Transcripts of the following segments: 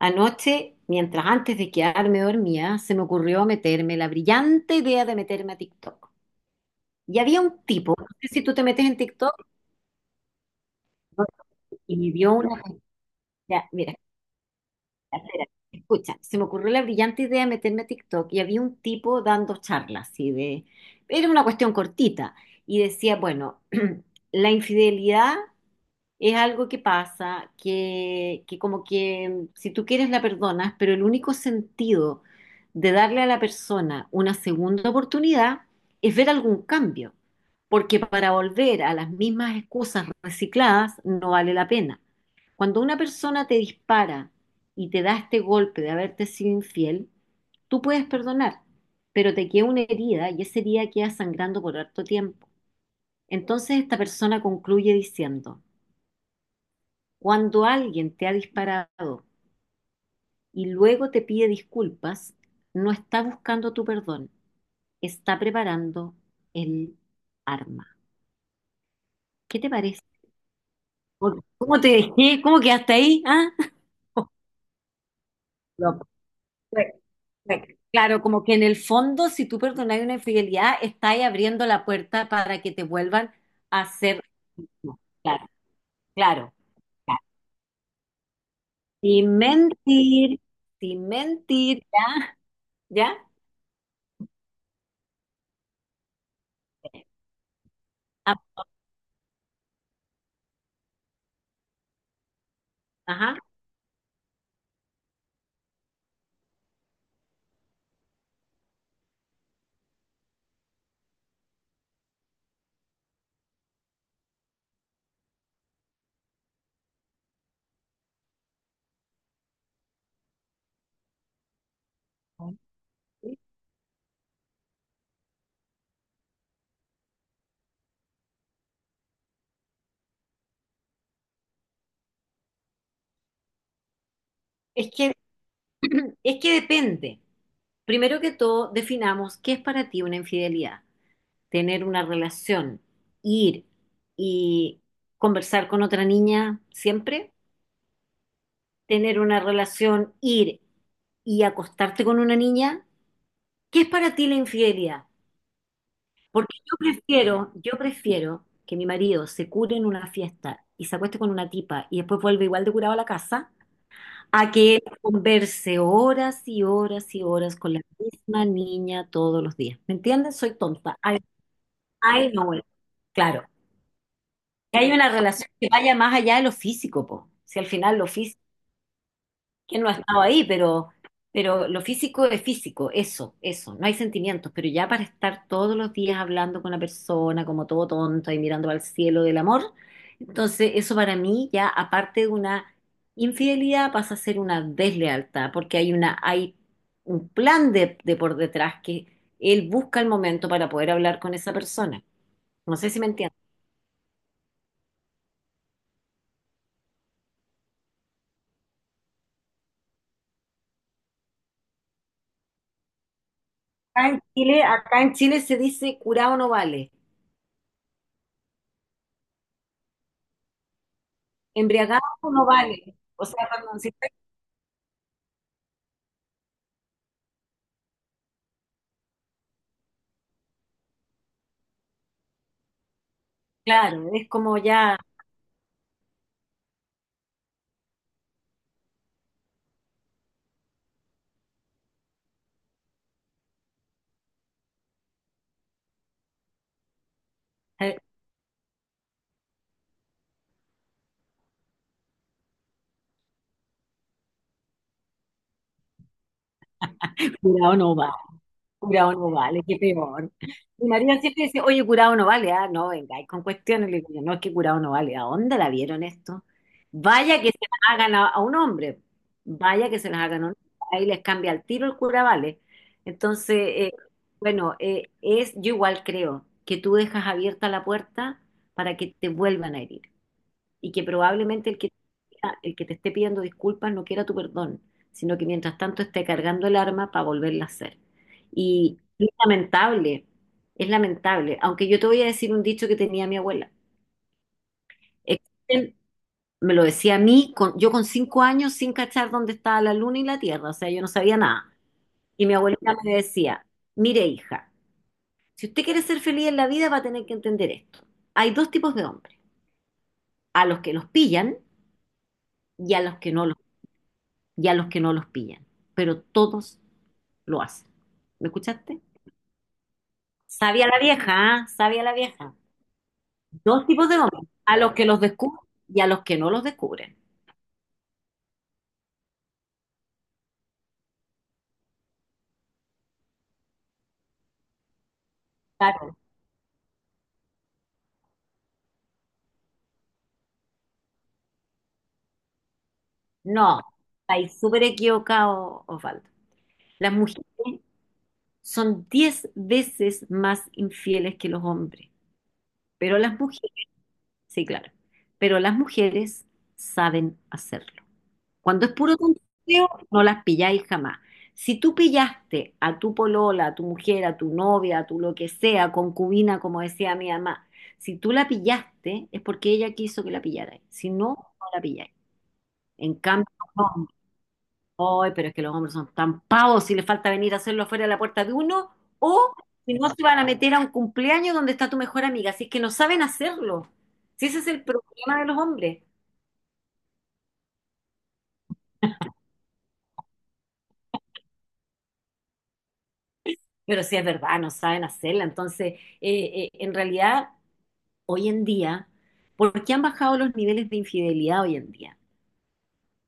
Anoche, mientras antes de quedarme dormía, se me ocurrió meterme la brillante idea de meterme a TikTok. Y había un tipo, no sé si tú te metes en TikTok, y me dio una... ya, mira, espera, escucha, se me ocurrió la brillante idea de meterme a TikTok y había un tipo dando charlas. Era una cuestión cortita y decía, bueno, la infidelidad es algo que pasa, que como que si tú quieres la perdonas, pero el único sentido de darle a la persona una segunda oportunidad es ver algún cambio, porque para volver a las mismas excusas recicladas no vale la pena. Cuando una persona te dispara y te da este golpe de haberte sido infiel, tú puedes perdonar, pero te queda una herida y esa herida queda sangrando por harto tiempo. Entonces esta persona concluye diciendo, cuando alguien te ha disparado y luego te pide disculpas, no está buscando tu perdón, está preparando el arma. ¿Qué te parece? ¿Cómo te dejé? ¿Cómo quedaste ahí? ¿Ah? No, pues, pues, claro, como que en el fondo, si tú perdonas una infidelidad, está abriendo la puerta para que te vuelvan a hacer lo mismo. Claro, claro, claro. Sin mentir, sin mentir, ¿ya? Ah, ajá. Es que es que depende. Primero que todo, definamos qué es para ti una infidelidad. Tener una relación, ir y conversar con otra niña siempre. Tener una relación, ir y acostarte con una niña. ¿Qué es para ti la infidelidad? Porque yo prefiero que mi marido se cure en una fiesta y se acueste con una tipa y después vuelve igual de curado a la casa a que converse horas y horas y horas con la misma niña todos los días. ¿Me entiendes? Soy tonta. Ay, ay, no, bueno, claro. Que hay una relación que vaya más allá de lo físico, po. Si al final lo físico ¿Quién no ha estado ahí? Pero lo físico es físico, eso, no hay sentimientos, pero ya para estar todos los días hablando con la persona como todo tonto y mirando al cielo del amor, entonces eso para mí ya aparte de una infidelidad pasa a ser una deslealtad, porque hay un plan de por detrás que él busca el momento para poder hablar con esa persona. No sé si me entiendes. Acá en Chile se dice curado no vale, embriagado no vale. O sea, cuando, si claro, es como ya, eh, curado no va, curado no vale, qué peor. Mi marido siempre dice, oye, curado no vale, ah, no, venga, y con cuestiones, le digo, yo, no, es que curado no vale, ¿a dónde la vieron esto? Vaya que se las hagan a un hombre, vaya que se las hagan a un hombre, ahí les cambia el tiro el cura vale. Entonces, bueno, yo igual creo que tú dejas abierta la puerta para que te vuelvan a herir, y que probablemente el que te esté pidiendo disculpas no quiera tu perdón, sino que mientras tanto esté cargando el arma para volverla a hacer. Y es lamentable, aunque yo te voy a decir un dicho que tenía mi abuela. Existen- me lo decía a mí, yo con 5 años sin cachar dónde estaba la luna y la tierra, o sea, yo no sabía nada. Y mi abuelita me decía, mire hija, si usted quiere ser feliz en la vida va a tener que entender esto. Hay dos tipos de hombres, a los que los pillan y a los que no los y a los que no los pillan, pero todos lo hacen. ¿Me escuchaste? Sabia la vieja, ¿ah? Sabia la vieja. Dos tipos de hombres, a los que los descubren y a los que no los descubren. Claro, no, estáis súper equivocado, Osvaldo. Las mujeres son 10 veces más infieles que los hombres, pero las mujeres, sí, claro, pero las mujeres saben hacerlo. Cuando es puro tonteo, no las pilláis jamás. Si tú pillaste a tu polola, a tu mujer, a tu novia, a tu lo que sea, concubina, como decía mi mamá, si tú la pillaste, es porque ella quiso que la pillarais. Si no, no la pilláis. En cambio, los hombres, "Ay, pero es que los hombres son tan pavos, si les falta venir a hacerlo fuera de la puerta de uno, o si no se van a meter a un cumpleaños donde está tu mejor amiga, si es que no saben hacerlo. Si ese es el problema de los hombres, pero sí es verdad, no saben hacerla. Entonces, en realidad, hoy en día, ¿por qué han bajado los niveles de infidelidad hoy en día?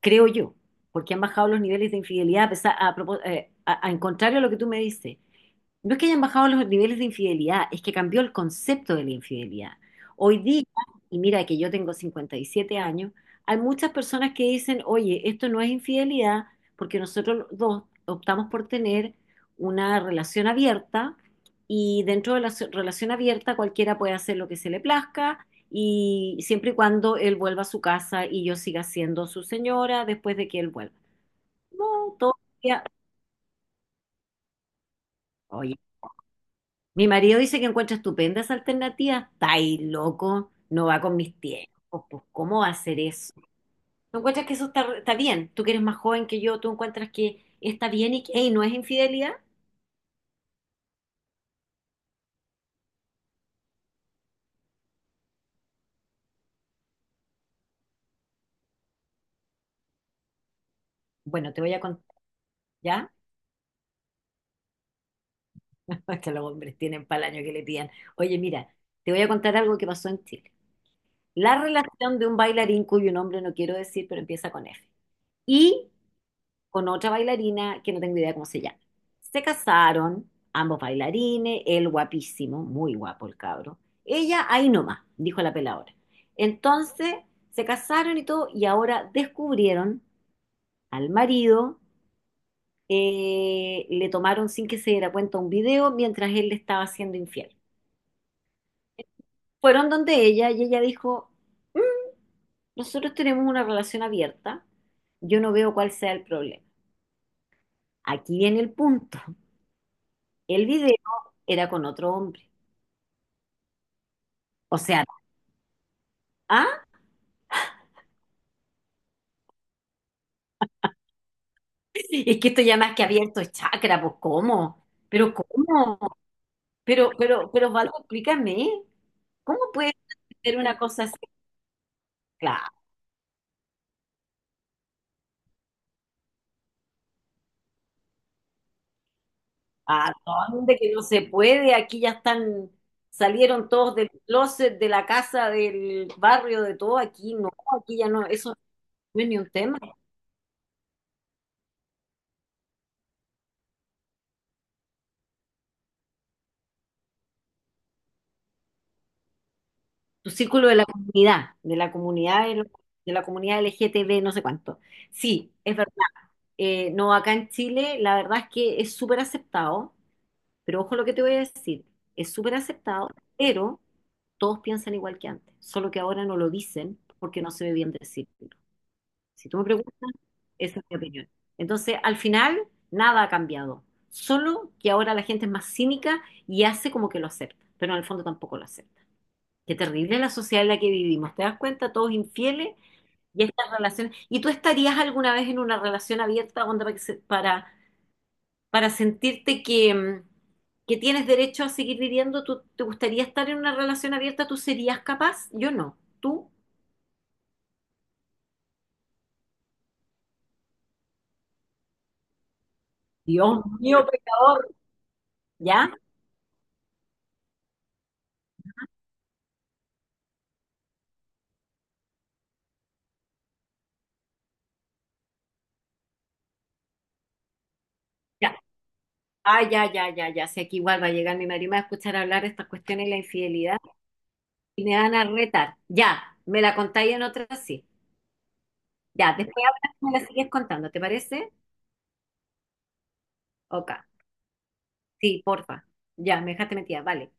Creo yo. ¿Por qué han bajado los niveles de infidelidad? A pesar- a, propós- a- en contrario a lo que tú me dices, no es que hayan bajado los niveles de infidelidad, es que cambió el concepto de la infidelidad. Hoy día, y mira que yo tengo 57 años, hay muchas personas que dicen, oye, esto no es infidelidad porque nosotros los dos optamos por tener una relación abierta y dentro de la relación abierta cualquiera puede hacer lo que se le plazca y siempre y cuando él vuelva a su casa y yo siga siendo su señora después de que él vuelva. No, mi marido dice que encuentra estupendas alternativas. Está ahí, loco, no va con mis tiempos. Pues, ¿cómo va a ser eso? ¿Tú encuentras que eso está bien? Tú que eres más joven que yo, ¿tú encuentras que está bien y que "Ey, no es infidelidad? Bueno, te voy a contar, ¿ya? Es que los hombres tienen para el año que le pidan. Oye, mira, te voy a contar algo que pasó en Chile. La relación de un bailarín cuyo nombre no quiero decir, pero empieza con F. Y con otra bailarina que no tengo idea cómo se llama. Se casaron, ambos bailarines, él guapísimo, muy guapo el cabro. Ella ahí nomás, dijo la peladora. Entonces se casaron y todo, y ahora descubrieron al marido, le tomaron sin que se diera cuenta un video mientras él le estaba siendo infiel. Fueron donde ella y ella dijo, nosotros tenemos una relación abierta, yo no veo cuál sea el problema. Aquí viene el punto. El video era con otro hombre. O sea, ¿ah? Es que esto ya más que abierto es chakra, pues ¿cómo? Pero ¿cómo? Pero, Osvaldo, explícame, ¿cómo puedes hacer una cosa así? Claro, ¿a dónde que no se puede? Aquí ya están, salieron todos del closet, de la casa, del barrio, de todo, aquí no, aquí ya no, eso no es ni un tema. Tu círculo de la comunidad, de la comunidad LGTB, no sé cuánto. Sí, es verdad. No, acá en Chile la verdad es que es súper aceptado. Pero ojo lo que te voy a decir, es súper aceptado, pero todos piensan igual que antes, solo que ahora no lo dicen porque no se ve bien decirlo. Si tú me preguntas, esa es mi opinión. Entonces, al final, nada ha cambiado, solo que ahora la gente es más cínica y hace como que lo acepta, pero en el fondo tampoco lo acepta. Qué terrible la sociedad en la que vivimos, ¿te das cuenta? Todos infieles y estas relaciones. ¿Y tú estarías alguna vez en una relación abierta onda, para sentirte que tienes derecho a seguir viviendo? ¿Tú te gustaría estar en una relación abierta? ¿Tú serías capaz? Yo no. ¿Tú? Dios mío, pecador. ¿Ya? Ya. Ah, ya, ya, ya, ya. Sé que igual va a llegar mi marido y me va a escuchar hablar de estas cuestiones de la infidelidad y me van a retar. Ya, me la contáis en otra sí. Ya, después hablas y me la sigues contando, ¿te parece? Ok. Sí, porfa. Ya, me dejaste metida. Vale.